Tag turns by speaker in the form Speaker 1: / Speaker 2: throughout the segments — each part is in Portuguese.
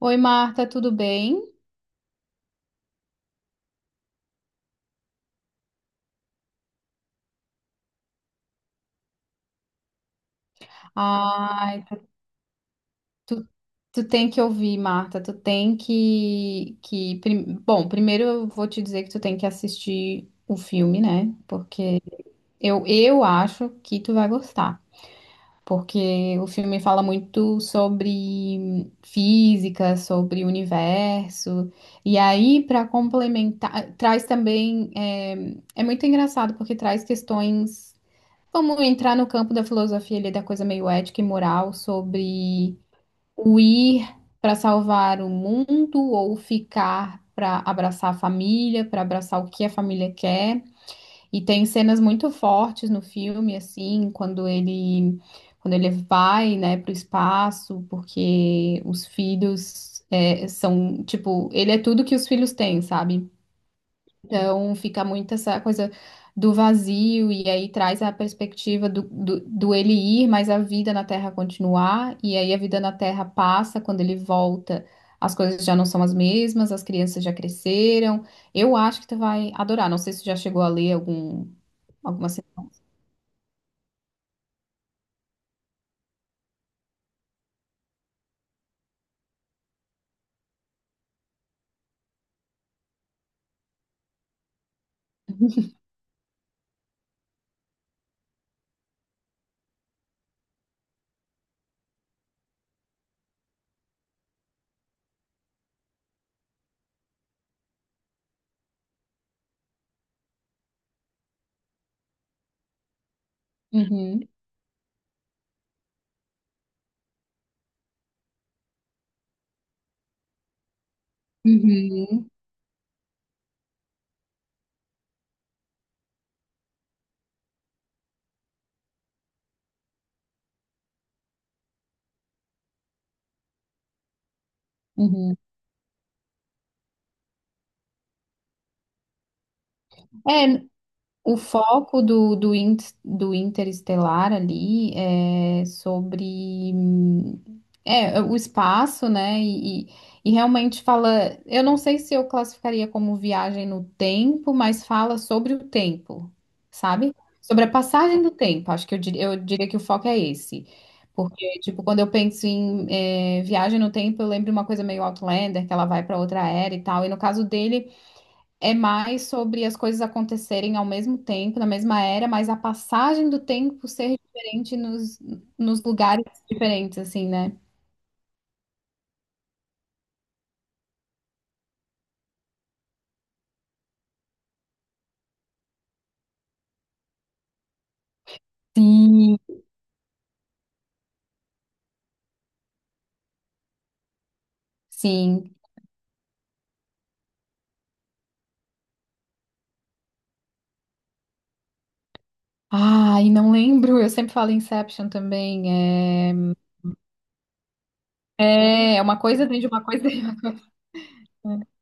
Speaker 1: Oi, Marta, tudo bem? Ai, tu, tu tem que ouvir, Marta, tu tem que, Bom, primeiro eu vou te dizer que tu tem que assistir o filme, né? Porque eu acho que tu vai gostar. Porque o filme fala muito sobre física, sobre o universo. E aí, para complementar, traz também... É, é muito engraçado porque traz questões. Vamos entrar no campo da filosofia ali, da coisa meio ética e moral, sobre o ir para salvar o mundo ou ficar para abraçar a família, para abraçar o que a família quer. E tem cenas muito fortes no filme, assim, quando ele vai, né, para o espaço, porque os filhos é, são, tipo, ele é tudo que os filhos têm, sabe? Então fica muito essa coisa do vazio, e aí traz a perspectiva do ele ir, mas a vida na Terra continuar, e aí a vida na Terra passa, quando ele volta, as coisas já não são as mesmas, as crianças já cresceram. Eu acho que tu vai adorar. Não sei se tu já chegou a ler algum, alguma. Uhum, uhum, uhum. É, o foco do Interestelar ali é sobre é, o espaço, né? E realmente fala. Eu não sei se eu classificaria como viagem no tempo, mas fala sobre o tempo, sabe? Sobre a passagem do tempo. Acho que eu diria que o foco é esse. Porque, tipo, quando eu penso em é, viagem no tempo, eu lembro uma coisa meio Outlander, que ela vai para outra era e tal. E no caso dele, é mais sobre as coisas acontecerem ao mesmo tempo, na mesma era, mas a passagem do tempo ser diferente nos lugares diferentes, assim, né? Sim. Sim. Ah, e não lembro, eu sempre falo Inception também. É, é uma coisa dentro de uma coisa. Dentro de uma coisa.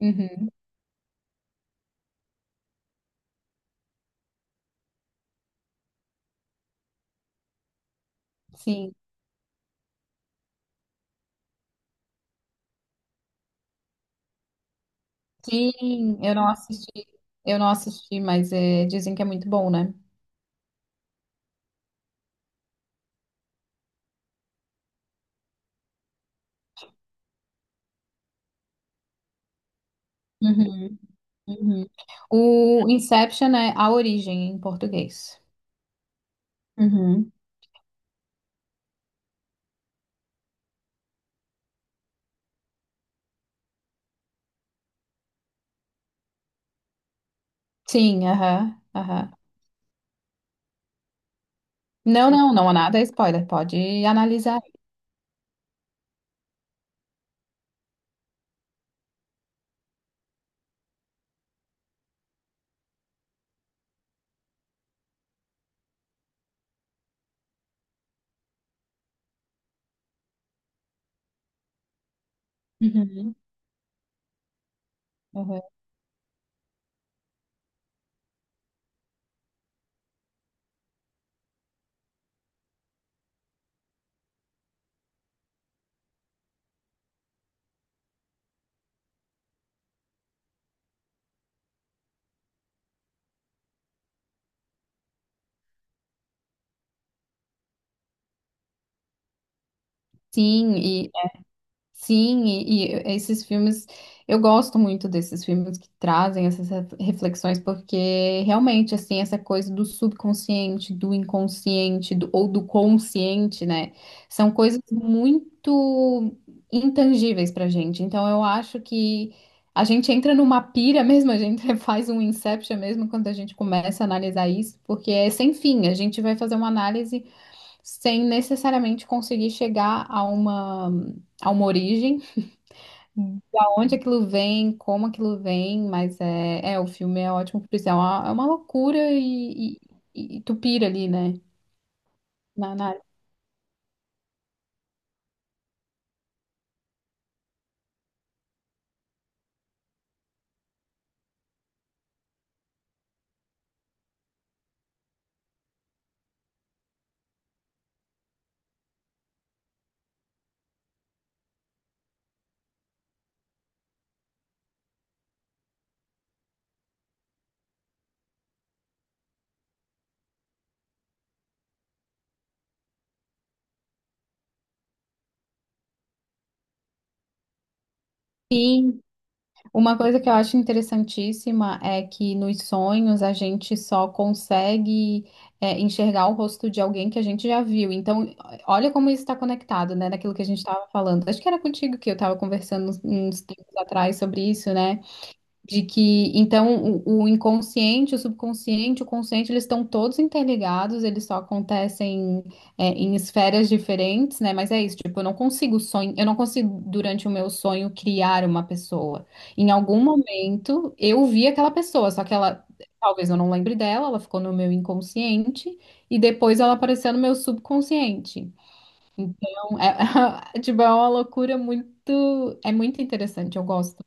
Speaker 1: Uhum. Sim. Sim, eu não assisti, mas é, dizem que é muito bom, né? Uhum, uhum. O Inception é A Origem em português. Uhum. Sim, aham, aham. Não, não, não há nada, é spoiler, pode analisar. Uhum, aham. Sim, sim, e esses filmes, eu gosto muito desses filmes que trazem essas reflexões, porque realmente, assim, essa coisa do subconsciente, do inconsciente, ou do consciente, né, são coisas muito intangíveis pra gente. Então, eu acho que a gente entra numa pira mesmo, a gente faz um inception mesmo quando a gente começa a analisar isso, porque é sem fim, a gente vai fazer uma análise sem necessariamente conseguir chegar a uma origem, da onde aquilo vem, como aquilo vem, mas é, é o filme é ótimo por isso, é uma loucura e, e tu pira ali, né? Na, na... Sim, uma coisa que eu acho interessantíssima é que nos sonhos a gente só consegue é, enxergar o rosto de alguém que a gente já viu. Então, olha como isso está conectado, né, naquilo que a gente estava falando. Acho que era contigo que eu estava conversando uns tempos atrás sobre isso, né? De que, então, o inconsciente, o subconsciente, o consciente, eles estão todos interligados, eles só acontecem, é, em esferas diferentes, né? Mas é isso, tipo, eu não consigo, durante o meu sonho, criar uma pessoa. Em algum momento, eu vi aquela pessoa, só que ela, talvez eu não lembre dela, ela ficou no meu inconsciente, e depois ela apareceu no meu subconsciente. Então, é, tipo, é uma loucura muito, é muito interessante, eu gosto.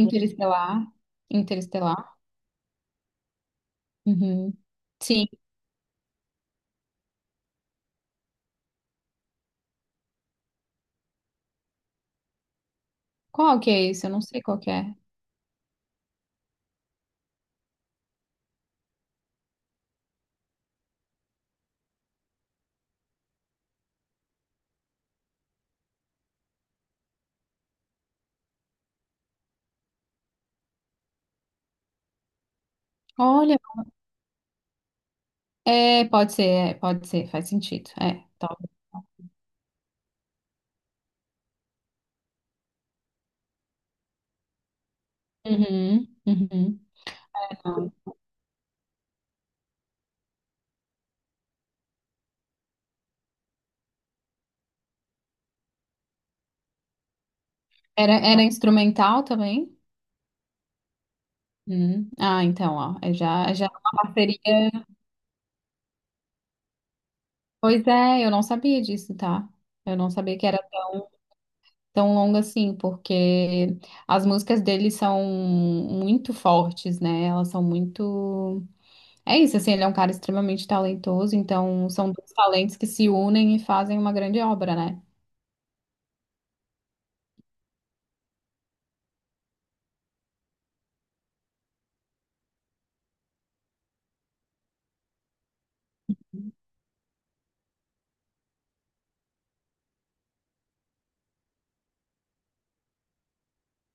Speaker 1: Interestelar. Interestelar. Uhum. Sim. Qual que é esse? Eu não sei qual que é. Olha, é, pode ser, faz sentido. É, top. Uhum, uhum. Não. Era, era instrumental também? Hum. Ah, então, ó, é já, já é uma parceria. Pois é, eu não sabia disso, tá? Eu não sabia que era tão longa assim, porque as músicas dele são muito fortes, né? Elas são muito. É isso, assim, ele é um cara extremamente talentoso, então são dois talentos que se unem e fazem uma grande obra, né?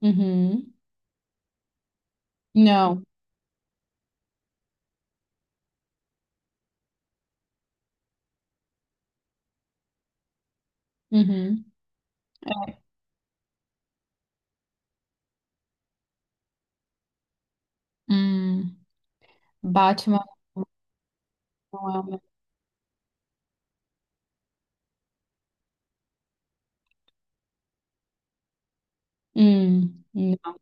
Speaker 1: Uhum. Não. Uhum. Hum. Batman não é o meu. Hum. Não.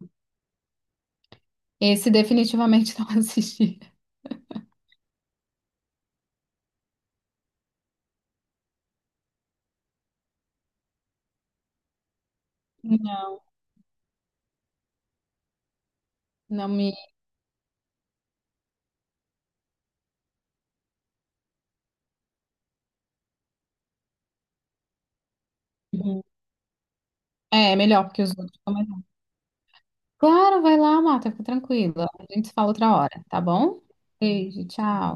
Speaker 1: Esse definitivamente não assisti. Não, não me. Uhum. É, é melhor porque os outros são melhores. Claro, vai lá, mata, fica tranquila. A gente se fala outra hora, tá bom? Beijo, tchau.